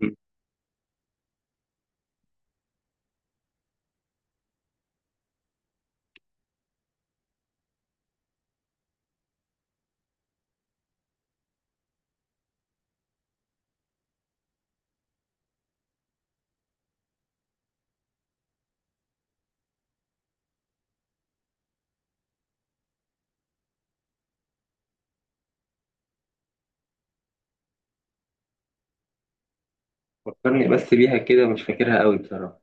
مم. فكرني بس بيها كده، مش فاكرها قوي بصراحة.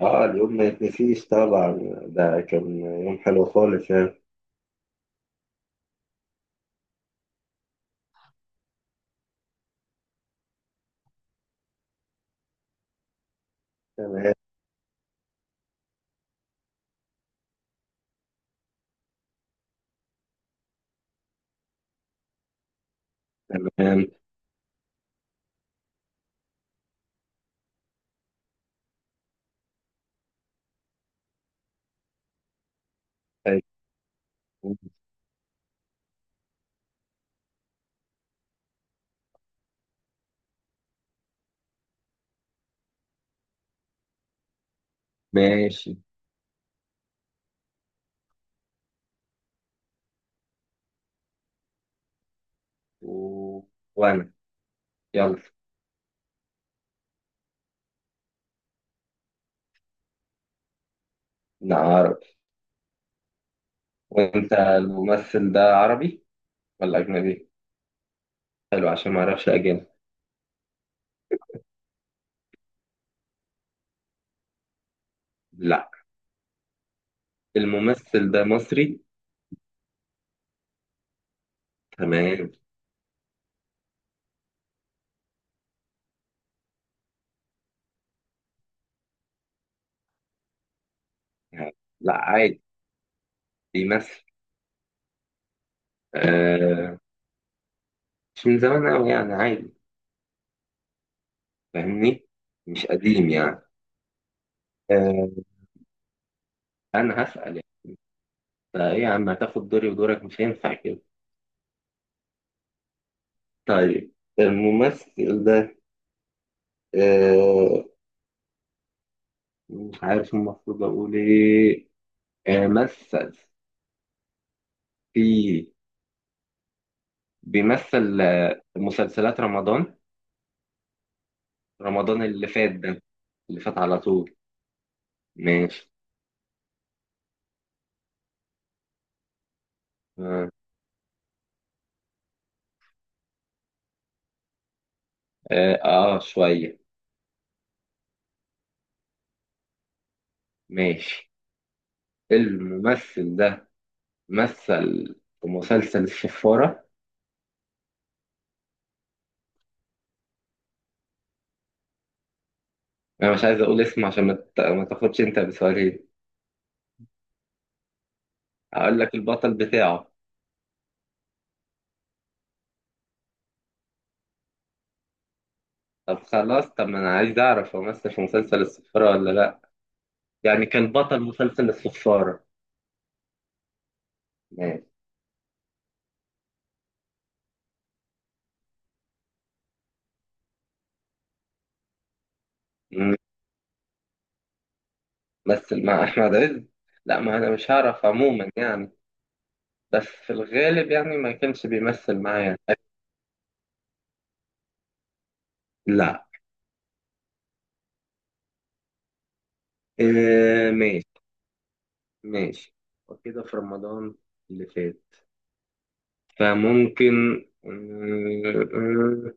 اه، اليوم ما يتنسيش طبعا. ده كان يوم حلو خالص يعني. تمام. تمام. طيب، ماشي. و... وأنا يلا. نعرف. وأنت الممثل ده عربي ولا أجنبي؟ حلو، عشان ما أعرفش أجنبي. لا، الممثل ده مصري. تمام. يعني لا، عادي بيمثل. آه، مش من زمان أوي يعني، عادي فاهمني. مش قديم يعني. آه. أنا هسأل، فايه يا عم هتاخد دوري ودورك، مش هينفع كده. طيب، الممثل ده آه مش عارف المفروض اقول ايه. آه مثل في بيمثل مسلسلات رمضان. رمضان اللي فات ده، اللي فات على طول. ماشي. اه، آه، آه، شوية. ماشي. الممثل ده مثل في مسلسل الشفارة. انا مش عايز اقول اسمه، عشان ما تاخدش انت بسؤالين. هقول لك البطل بتاعه. طب خلاص، طب ما انا عايز اعرف هو مثل في مسلسل الصفارة ولا لا. يعني كان بطل مسلسل الصفارة؟ ماشي. مم. مثل مع احمد عز. لا، ما انا مش هعرف عموما يعني. بس في الغالب يعني ما كانش بيمثل معايا. لا. إيه، ماشي. ماشي، وكده في رمضان اللي فات، فممكن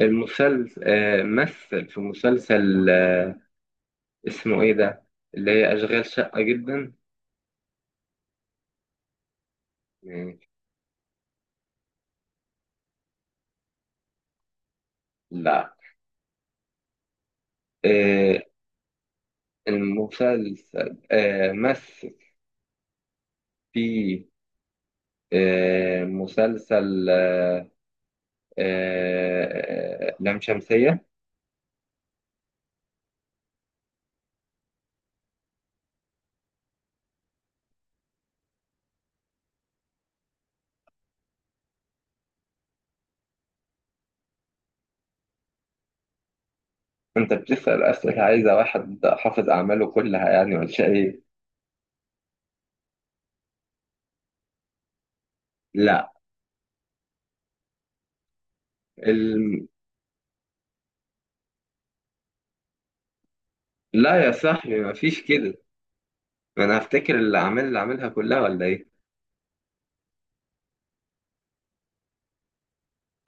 المسلسل مثل في مسلسل اسمه ايه ده، اللي هي اشغال شقة جدا. ماشي. لا. آه، المسلسل مثل في مسلسل لام شمسية. أنت بتسأل أسئلة عايزة واحد حافظ أعماله كلها يعني ولا إيه؟ لا. الم... لا يا صاحبي، ما فيش كده. ما أنا هفتكر الأعمال اللي عاملها كلها ولا إيه؟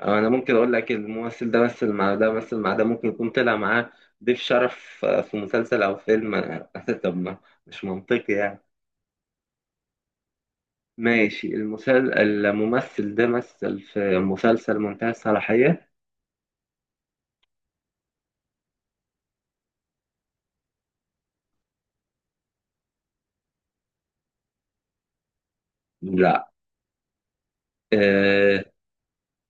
أو أنا ممكن أقول لك الممثل ده مثل مع ده، مثل مع ده، ممكن يكون طلع معاه ضيف شرف في مسلسل أو فيلم طب ما مش منطقي يعني. ماشي، الممثل ده مثل في مسلسل منتهى الصلاحية؟ لا. آه،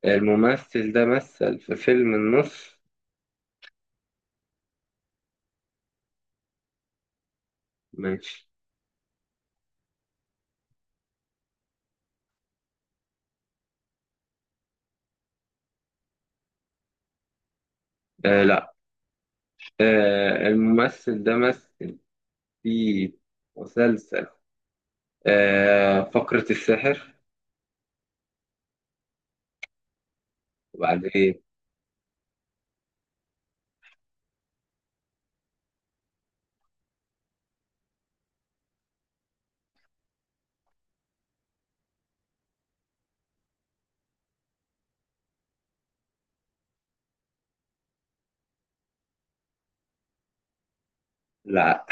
الممثل ده مثل في فيلم النص؟ ماشي. آه، لا. آه، الممثل ده مثل في مسلسل فقرة السحر. وبعدين لا.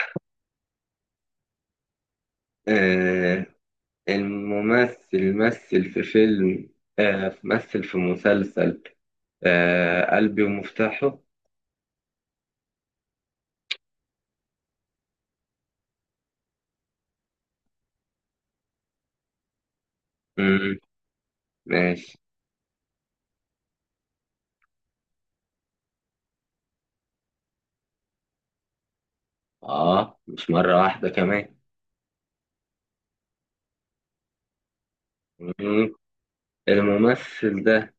آه، الممثل مثل في فيلم آه مثل في مسلسل قلبي ومفتاحه. مم، ماشي. آه، مش مرة واحدة كمان. مم. الممثل ده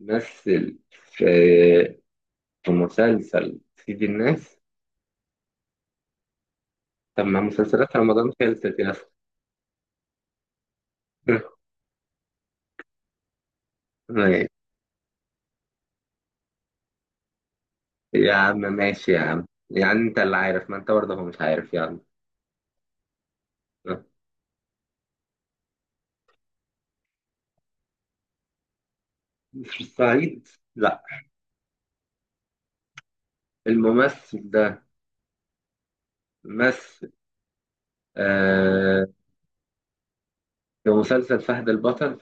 مثل في مسلسل سيد الناس. طب ما مسلسلات رمضان خلصت يا اسطى. ماشي. يا عم ماشي يا عم، يعني انت اللي عارف، ما انت برضه هو مش عارف يعني. آه. مش في الصعيد. لا. الممثل ده مثل آه في مسلسل فهد البطل.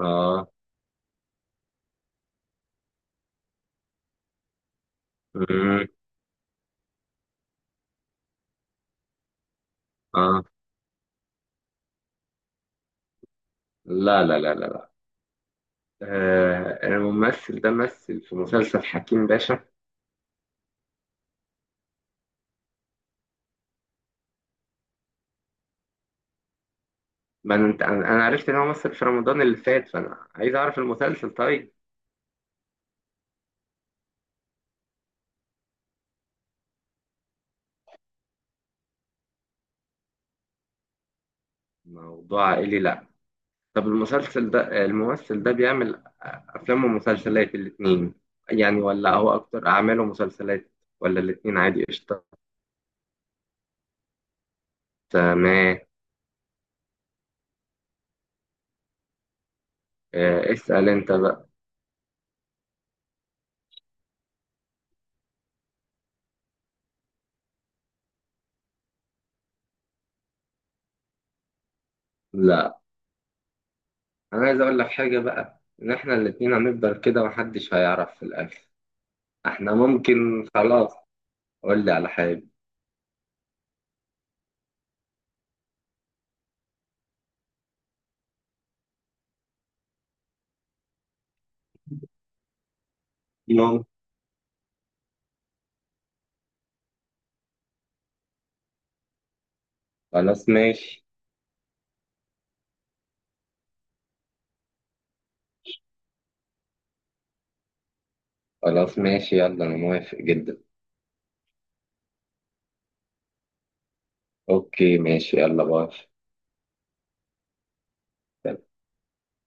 اه. مم. اه، لا، لا، لا، لا، لا. آه، الممثل ده مثل في مسلسل حكيم باشا. ما انا انت انا أنا عرفت ان هو مثل في رمضان اللي فات، فانا عايز اعرف المسلسل. طيب، موضوع عائلي لا. طب المسلسل ده آه، الممثل ده بيعمل افلام ومسلسلات الاتنين يعني، ولا هو اكتر اعماله مسلسلات، ولا الاتنين عادي قشطة. تمام. اسأل انت بقى. لا، انا عايز اقول لك حاجة بقى، ان احنا الاتنين هنفضل كده محدش هيعرف في الاخر. احنا ممكن خلاص. قول لي على حاجة. خلاص ماشي. خلاص ماشي يلا، أنا موافق جدا. أوكي ماشي، يلا باي.